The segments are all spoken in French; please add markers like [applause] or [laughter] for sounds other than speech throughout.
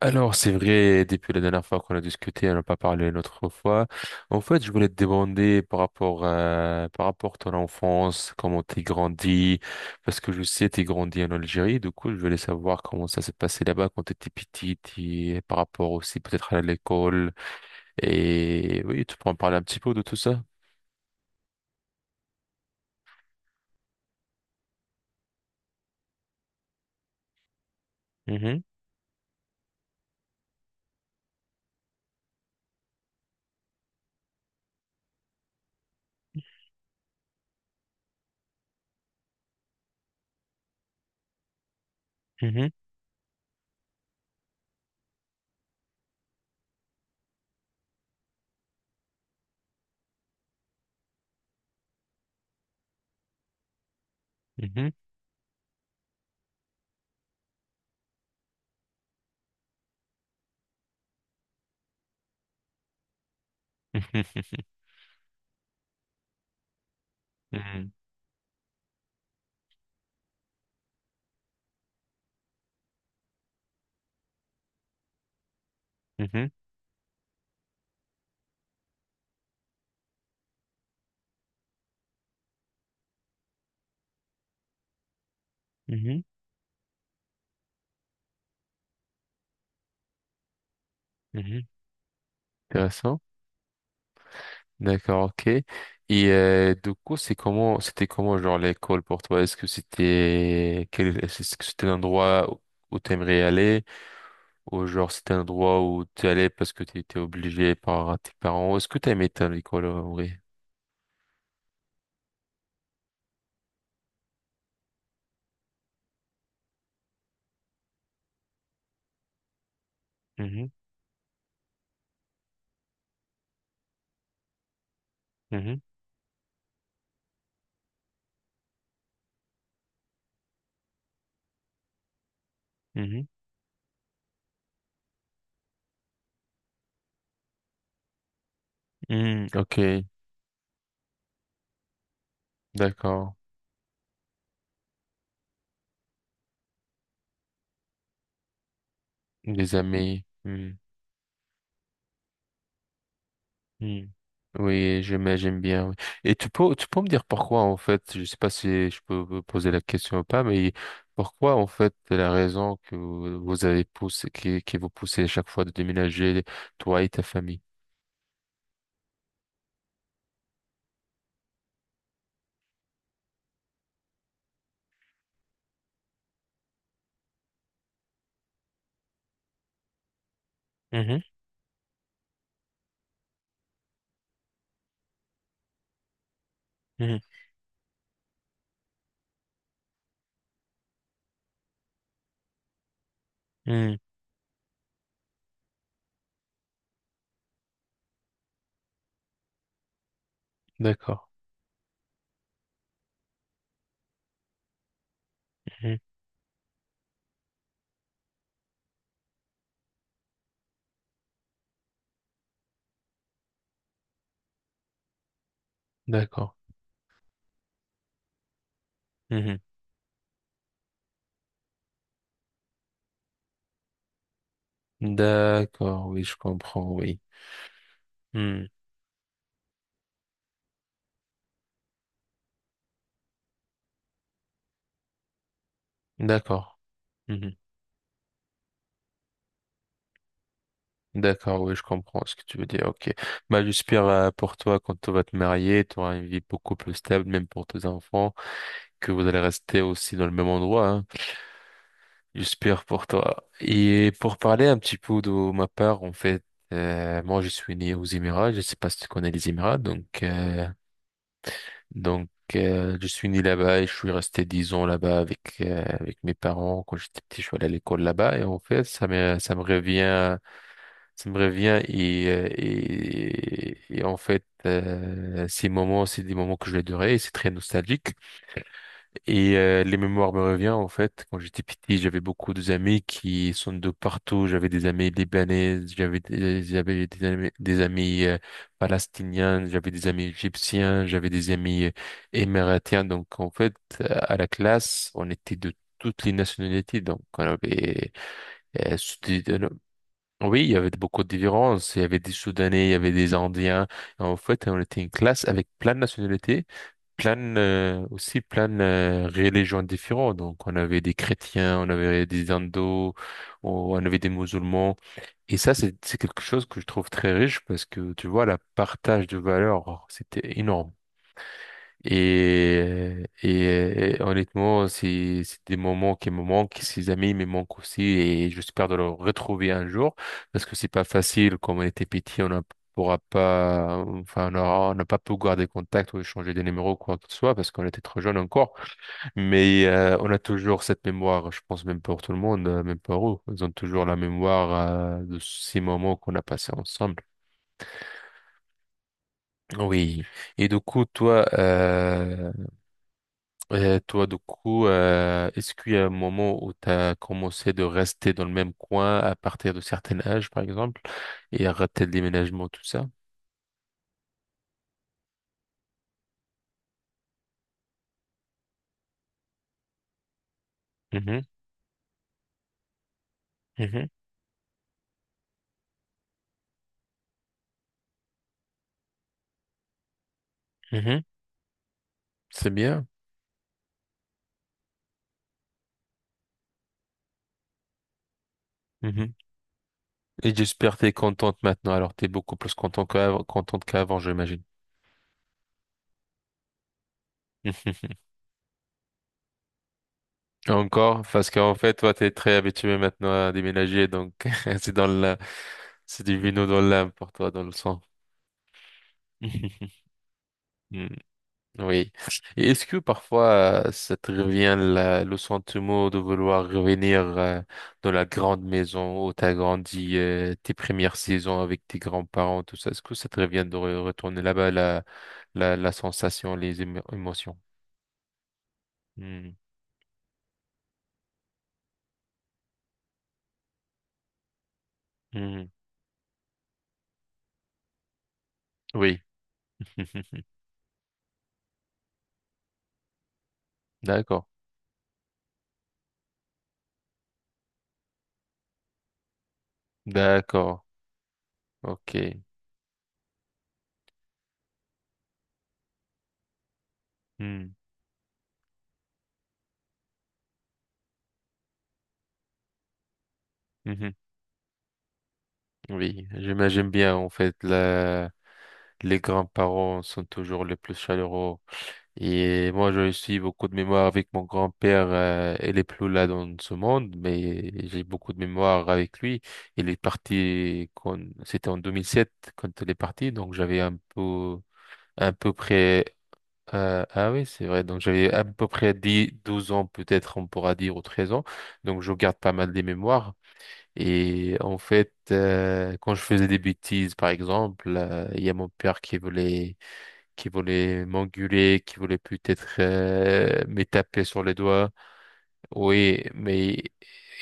Alors, c'est vrai, depuis la dernière fois qu'on a discuté, on n'a pas parlé une autre fois. En fait, je voulais te demander par rapport à ton enfance, comment t'es grandi, parce que je sais t'es grandi en Algérie, du coup, je voulais savoir comment ça s'est passé là-bas quand t'étais petite, et par rapport aussi peut-être à l'école. Et oui, tu peux en parler un petit peu de tout ça? Mhm, mhm, mhm. [laughs] Mhm, mhm, mhm, mhm, mhm. Intéressant. D'accord, ok. Et du coup, c'est comment, c'était comment genre l'école pour toi? Est-ce que c'était, quel, est-ce que c'était un endroit où où t'aimerais aller, ou genre c'était un endroit où tu allais parce que tu étais obligé par tes parents? Est-ce que t'aimais ton école en vrai? Mhm, mhm, mhm. Hmm, ok, d'accord. Des amis. Mmh. Hmm. Oui, j'aime, j'aime bien. Oui. Et tu peux me dire pourquoi, en fait, je sais pas si je peux vous poser la question ou pas, mais pourquoi, en fait, la raison que vous avez poussé, qui vous poussez à chaque fois de déménager, toi et ta famille? Mhm, mhm, mhm. D'accord, mhm, d'accord, mhm. D'accord, oui, je comprends, oui. Hmm, d'accord, mhm. D'accord, oui, je comprends ce que tu veux dire, ok. Bah, j'espère pour toi, quand tu vas te marier, tu auras une vie beaucoup plus stable, même pour tes enfants, que vous allez rester aussi dans le même endroit, hein. J'espère pour toi. Et pour parler un petit peu de ma part, en fait, moi je suis né aux Émirats, je sais pas si tu connais les Émirats, donc je suis né là-bas et je suis resté 10 ans là-bas avec avec mes parents. Quand j'étais petit, je suis allé à l'école là-bas et en fait ça me revient, ça me revient. Et et en fait ces moments c'est des moments que je vais adorer et c'est très nostalgique. Et les mémoires me reviennent en fait. Quand j'étais petit, j'avais beaucoup d'amis qui sont de partout. J'avais des amis libanais, j'avais des amis, palestiniens, j'avais des amis égyptiens, j'avais des amis émiratiens. Donc en fait, à la classe, on était de toutes les nationalités. Donc on avait euh, Soudi- euh, oui, il y avait beaucoup de différences. Il y avait des Soudanais, il y avait des Indiens. En fait, on était une classe avec plein de nationalités, plein aussi plein religions différentes. Donc on avait des chrétiens, on avait des hindous, on avait des musulmans. Et ça c'est quelque chose que je trouve très riche parce que tu vois le partage de valeurs c'était énorme. Et, et, et honnêtement, c'est des moments qui me manquent, ces amis me manquent aussi, et j'espère de les retrouver un jour, parce que c'est pas facile. Quand on était petit, on ne pourra pas, enfin, on n'a pas pu garder contact ou échanger des numéros, quoi que ce soit, parce qu'on était trop jeune encore. Mais on a toujours cette mémoire, je pense même pour tout le monde, même pour eux, ils ont toujours la mémoire de ces moments qu'on a passés ensemble. Oui. Et du coup, toi, euh, Et toi, du coup, est-ce qu'il y a un moment où tu as commencé de rester dans le même coin à partir de certains âges, par exemple, et arrêter le déménagement, tout ça? Mhm, mhm, mhm. C'est bien. Mhm. Et j'espère que tu es contente maintenant. Alors, tu es beaucoup plus contente qu'avant, j'imagine. [laughs] Encore, parce qu'en fait, toi, tu es très habitué maintenant à déménager, donc [laughs] c'est dans la... c'est du vino dans l'âme pour toi, dans le sang. [laughs] Oui. Et est-ce que parfois ça te revient le sentiment de vouloir revenir dans la grande maison où t'as grandi, tes premières saisons avec tes grands-parents, tout ça? Est-ce que ça te revient de retourner là-bas, la sensation, les émotions? Hmm. Hmm. Oui. [laughs] D'accord. D'accord. OK. Hmm. Mhm. Oui, j'imagine bien en fait la... les grands-parents sont toujours les plus chaleureux. Et moi, j'ai aussi beaucoup de mémoire avec mon grand-père. Il est plus là dans ce monde, mais j'ai beaucoup de mémoire avec lui. Il est parti quand, c'était en 2007 quand il est parti, donc j'avais un peu près. Ah oui, c'est vrai. Donc j'avais à peu près 10 12 ans peut-être, on pourra dire, ou 13 ans. Donc je garde pas mal des mémoires. Et en fait, quand je faisais des bêtises, par exemple, il y a mon père qui voulait, qui voulait m'engueuler, qui voulait peut-être me taper sur les doigts. Oui, mais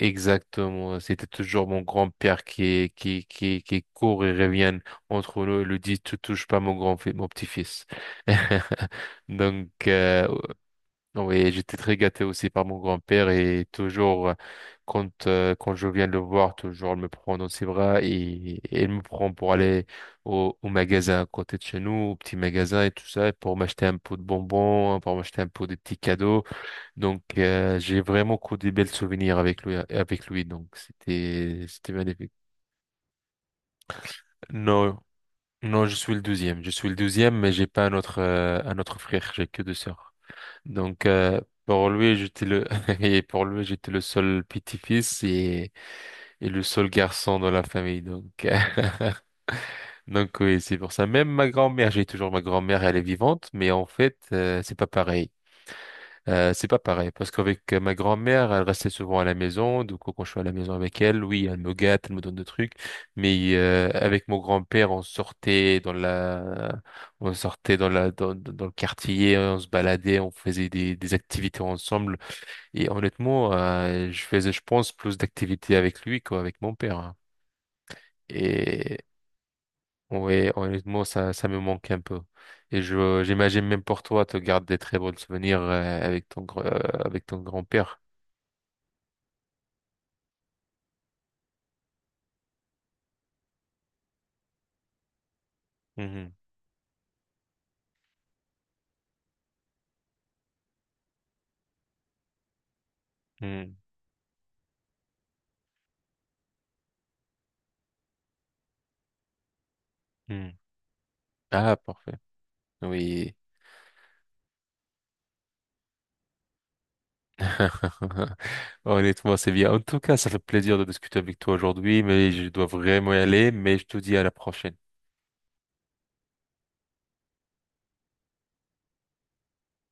exactement. C'était toujours mon grand-père qui, qui court et revient entre nous et lui dit, tu touches pas mon grand, mon petit-fils. [laughs] Donc, oui, j'étais très gâté aussi par mon grand-père et toujours, quand, quand je viens le voir, toujours il me prend dans ses bras et il me prend pour aller au, au magasin à côté de chez nous, au petit magasin et tout ça, pour m'acheter un pot de bonbons, hein, pour m'acheter un pot de petits cadeaux. Donc, j'ai vraiment que des belles souvenirs avec lui, avec lui. Donc, c'était, c'était magnifique. Non, non, je suis le deuxième. Je suis le deuxième, mais j'ai pas un autre, un autre frère. J'ai que deux sœurs. Donc pour lui, j'étais le [laughs] et pour lui, j'étais le seul petit-fils et le seul garçon dans la famille. Donc [laughs] donc oui, c'est pour ça. Même ma grand-mère, j'ai toujours ma grand-mère, elle est vivante, mais en fait, c'est pas pareil. C'est pas pareil parce qu'avec ma grand-mère, elle restait souvent à la maison. Du coup, quand je suis à la maison avec elle, oui, elle me gâte, elle me donne des trucs. Mais avec mon grand-père, on sortait dans la, dans, dans le quartier, on se baladait, on faisait des activités ensemble. Et honnêtement, je faisais, je pense, plus d'activités avec lui qu'avec mon père, hein. Et ouais, honnêtement, ça me manque un peu. Et je, j'imagine même pour toi, tu gardes des très bons souvenirs avec ton, avec ton grand-père. Mhm, mhm, mhm. Ah, parfait. Oui. [laughs] Honnêtement, c'est bien. En tout cas, ça fait plaisir de discuter avec toi aujourd'hui, mais je dois vraiment y aller, mais je te dis à la prochaine.